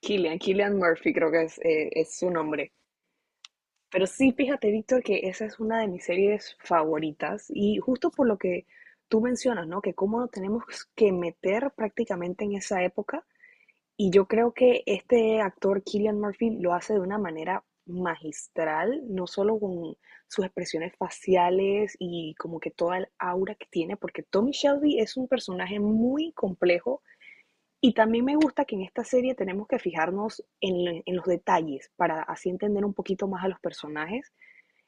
Killian Murphy creo que es su nombre. Pero sí, fíjate, Víctor, que esa es una de mis series favoritas y justo por lo que tú mencionas, ¿no? Que cómo nos tenemos que meter prácticamente en esa época y yo creo que este actor Killian Murphy lo hace de una manera magistral, no solo con sus expresiones faciales y como que toda el aura que tiene, porque Tommy Shelby es un personaje muy complejo y también me gusta que en esta serie tenemos que fijarnos en los detalles para así entender un poquito más a los personajes,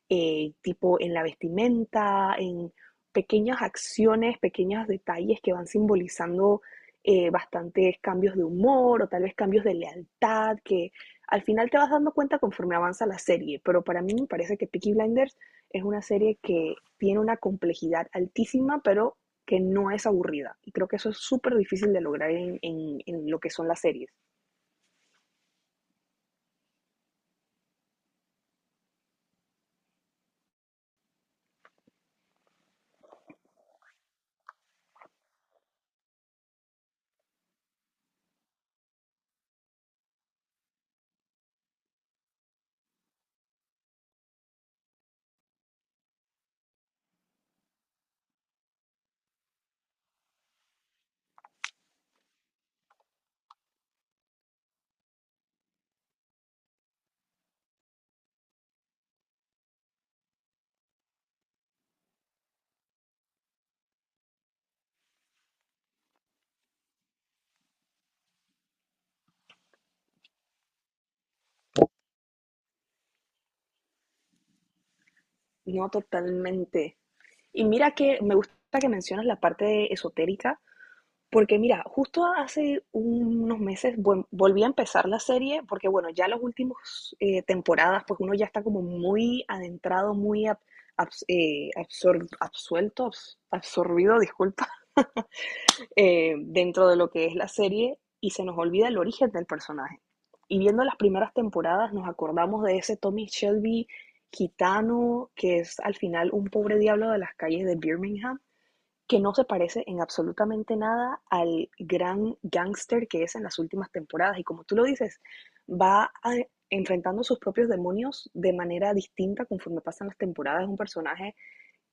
tipo en la vestimenta, en pequeñas acciones, pequeños detalles que van simbolizando, bastantes cambios de humor o tal vez cambios de lealtad que al final te vas dando cuenta conforme avanza la serie, pero para mí me parece que Peaky Blinders es una serie que tiene una complejidad altísima, pero que no es aburrida. Y creo que eso es súper difícil de lograr en, lo que son las series. No, totalmente. Y mira que me gusta que mencionas la parte esotérica, porque mira, justo hace unos meses volví a empezar la serie, porque bueno, ya las últimas temporadas, pues uno ya está como muy adentrado, muy ab- abs- absor- absuelto, abs- absorbido, disculpa, dentro de lo que es la serie y se nos olvida el origen del personaje. Y viendo las primeras temporadas nos acordamos de ese Tommy Shelby gitano que es al final un pobre diablo de las calles de Birmingham que no se parece en absolutamente nada al gran gángster que es en las últimas temporadas. Y como tú lo dices, va a- enfrentando sus propios demonios de manera distinta conforme pasan las temporadas. Es un personaje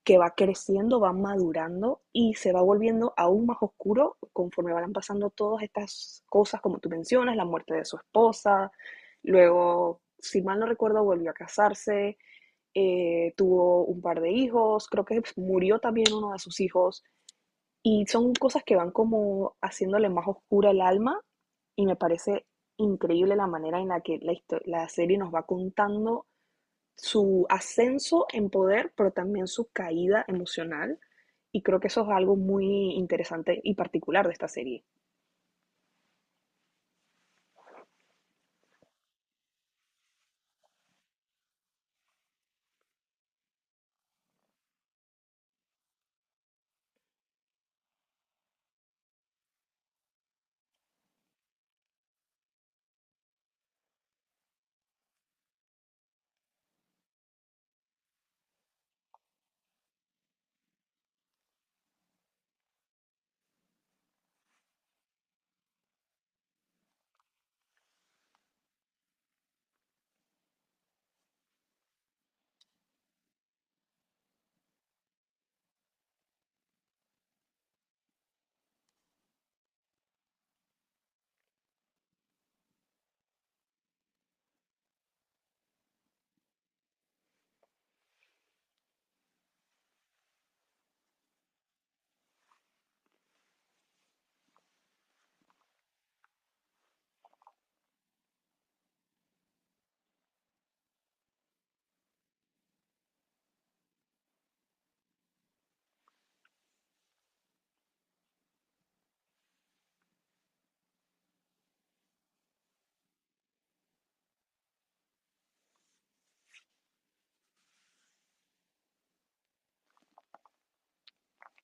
que va creciendo, va madurando y se va volviendo aún más oscuro conforme van pasando todas estas cosas, como tú mencionas, la muerte de su esposa, luego, si mal no recuerdo, volvió a casarse, tuvo un par de hijos, creo que murió también uno de sus hijos. Y son cosas que van como haciéndole más oscura el alma y me parece increíble la manera en la que la serie nos va contando su ascenso en poder, pero también su caída emocional. Y creo que eso es algo muy interesante y particular de esta serie.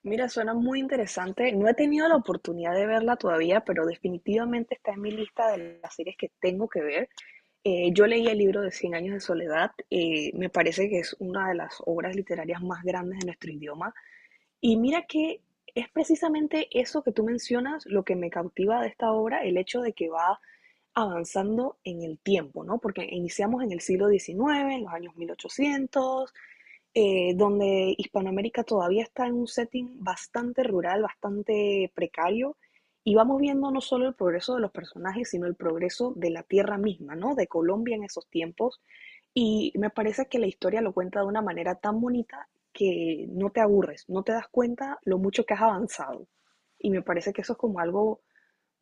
Mira, suena muy interesante. No he tenido la oportunidad de verla todavía, pero definitivamente está en mi lista de las series que tengo que ver. Yo leí el libro de Cien años de soledad. Me parece que es una de las obras literarias más grandes de nuestro idioma. Y mira que es precisamente eso que tú mencionas lo que me cautiva de esta obra, el hecho de que va avanzando en el tiempo, ¿no? Porque iniciamos en el siglo XIX, en los años mil ochocientos, donde Hispanoamérica todavía está en un setting bastante rural, bastante precario, y vamos viendo no solo el progreso de los personajes, sino el progreso de la tierra misma, ¿no? De Colombia en esos tiempos, y me parece que la historia lo cuenta de una manera tan bonita que no te aburres, no te das cuenta lo mucho que has avanzado. Y me parece que eso es como algo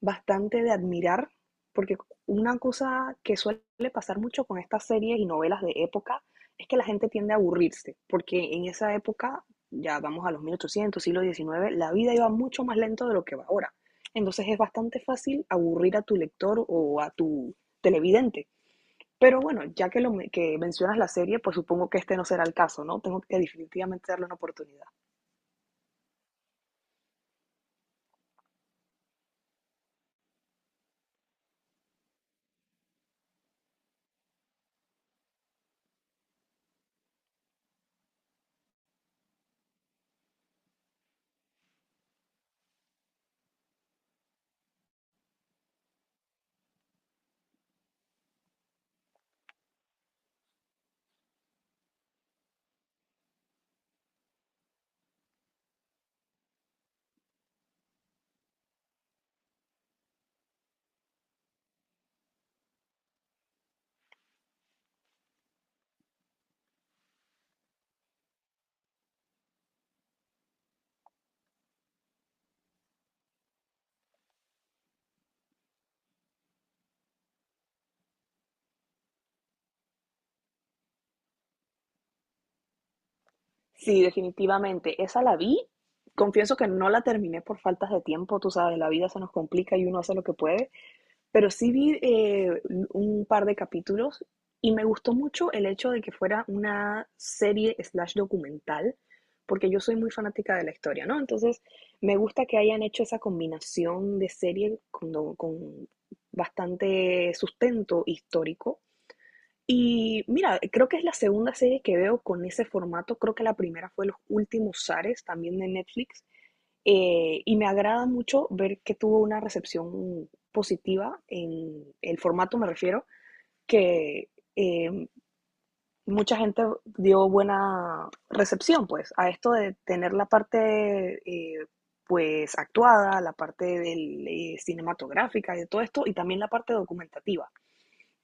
bastante de admirar, porque una cosa que suele pasar mucho con estas series y novelas de época es que la gente tiende a aburrirse, porque en esa época, ya vamos a los 1800 siglo diecinueve, la vida iba mucho más lento de lo que va ahora. Entonces es bastante fácil aburrir a tu lector o a tu televidente. Pero bueno, ya que mencionas la serie, pues supongo que este no será el caso, ¿no? Tengo que definitivamente darle una oportunidad. Sí, definitivamente. Esa la vi. Confieso que no la terminé por faltas de tiempo, tú sabes, la vida se nos complica y uno hace lo que puede, pero sí vi, un par de capítulos y me gustó mucho el hecho de que fuera una serie slash documental, porque yo soy muy fanática de la historia, ¿no? Entonces, me gusta que hayan hecho esa combinación de serie con, con bastante sustento histórico y mira, creo que es la segunda serie que veo con ese formato. Creo que la primera fue Los Últimos Zares, también de Netflix. Y me agrada mucho ver que tuvo una recepción positiva en el formato, me refiero, que eh, mucha gente dio buena recepción, pues, a esto de tener la parte, pues, actuada, la parte del cinematográfica y de todo esto, y también la parte documentativa.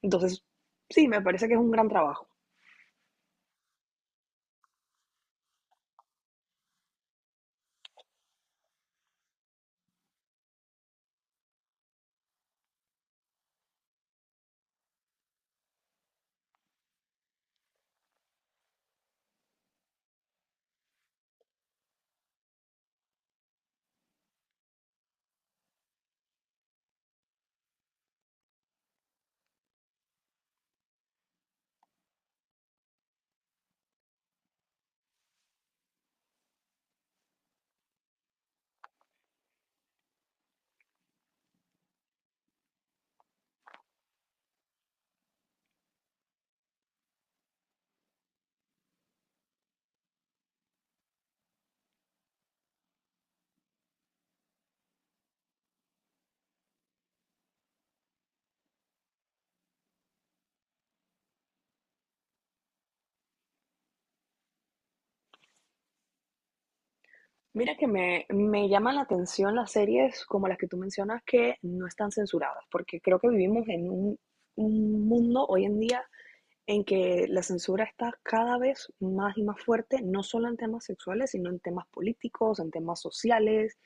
Entonces, sí, me parece que es un gran trabajo. Mira que me llaman la atención las series como las que tú mencionas que no están censuradas, porque creo que vivimos en un mundo hoy en día en que la censura está cada vez más y más fuerte, no solo en temas sexuales, sino en temas políticos, en temas sociales,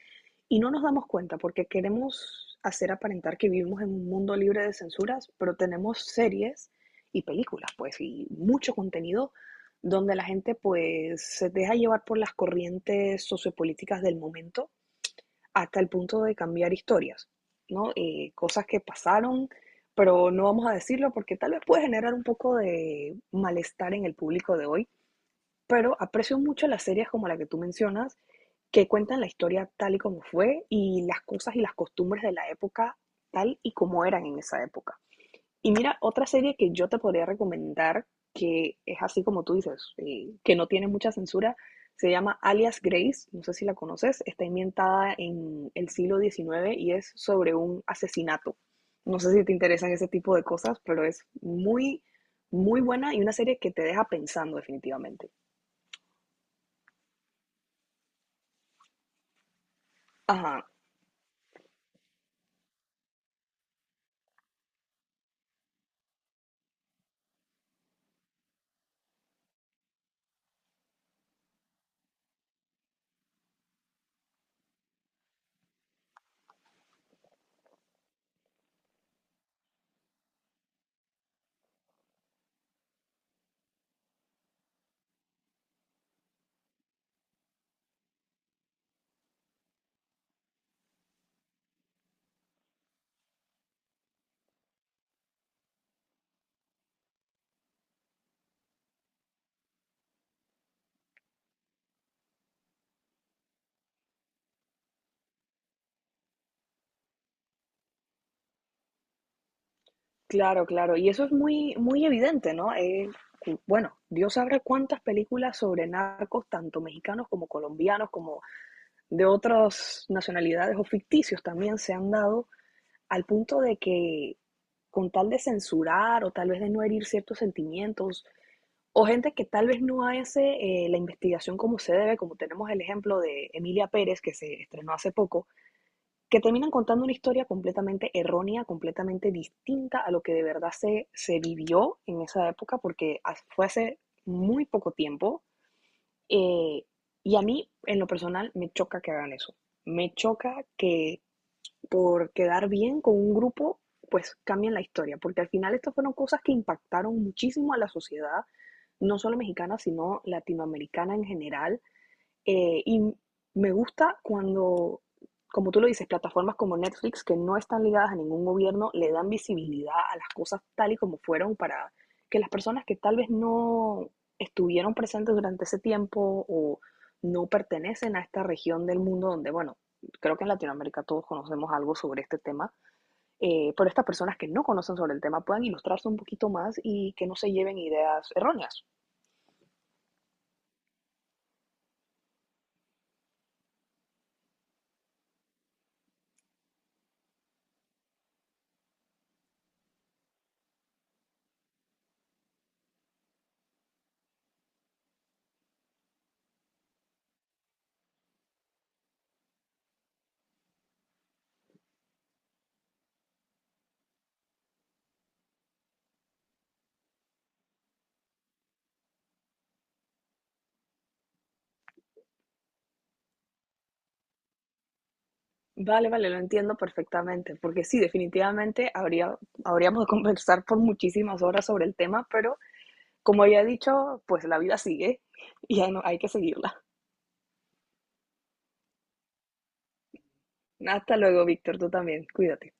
y no nos damos cuenta porque queremos hacer aparentar que vivimos en un mundo libre de censuras, pero tenemos series y películas, pues, y mucho contenido donde la gente pues se deja llevar por las corrientes sociopolíticas del momento hasta el punto de cambiar historias, ¿no? Cosas que pasaron, pero no vamos a decirlo porque tal vez puede generar un poco de malestar en el público de hoy, pero aprecio mucho las series como la que tú mencionas que cuentan la historia tal y como fue y las cosas y las costumbres de la época tal y como eran en esa época. Y mira, otra serie que yo te podría recomendar, que es así como tú dices, que no tiene mucha censura, se llama Alias Grace, no sé si la conoces, está ambientada en el siglo XIX y es sobre un asesinato. No sé si te interesan ese tipo de cosas, pero es muy, muy buena y una serie que te deja pensando definitivamente. Ajá. Claro, claro. Y eso es muy, muy evidente, ¿no? Bueno, Dios sabrá cuántas películas sobre narcos, tanto mexicanos como colombianos, como de otras nacionalidades o ficticios también se han dado al punto de que con tal de censurar o tal vez de no herir ciertos sentimientos o gente que tal vez no hace, la investigación como se debe, como tenemos el ejemplo de Emilia Pérez que se estrenó hace poco, que terminan contando una historia completamente errónea, completamente distinta a lo que de verdad se vivió en esa época, porque fue hace muy poco tiempo. eh, y a mí, en lo personal, me choca que hagan eso. Me choca que por quedar bien con un grupo, pues cambien la historia, porque al final estas fueron cosas que impactaron muchísimo a la sociedad, no solo mexicana, sino latinoamericana en general. Y me gusta cuando, como tú lo dices, plataformas como Netflix, que no están ligadas a ningún gobierno, le dan visibilidad a las cosas tal y como fueron para que las personas que tal vez no estuvieron presentes durante ese tiempo o no pertenecen a esta región del mundo donde, bueno, creo que en Latinoamérica todos conocemos algo sobre este tema, pero estas personas que no conocen sobre el tema puedan ilustrarse un poquito más y que no se lleven ideas erróneas. Vale, vale, lo entiendo perfectamente, porque sí, definitivamente habríamos de conversar por muchísimas horas sobre el tema, pero como ya he dicho, pues la vida sigue y hay que seguirla. Hasta luego, Víctor, tú también, cuídate.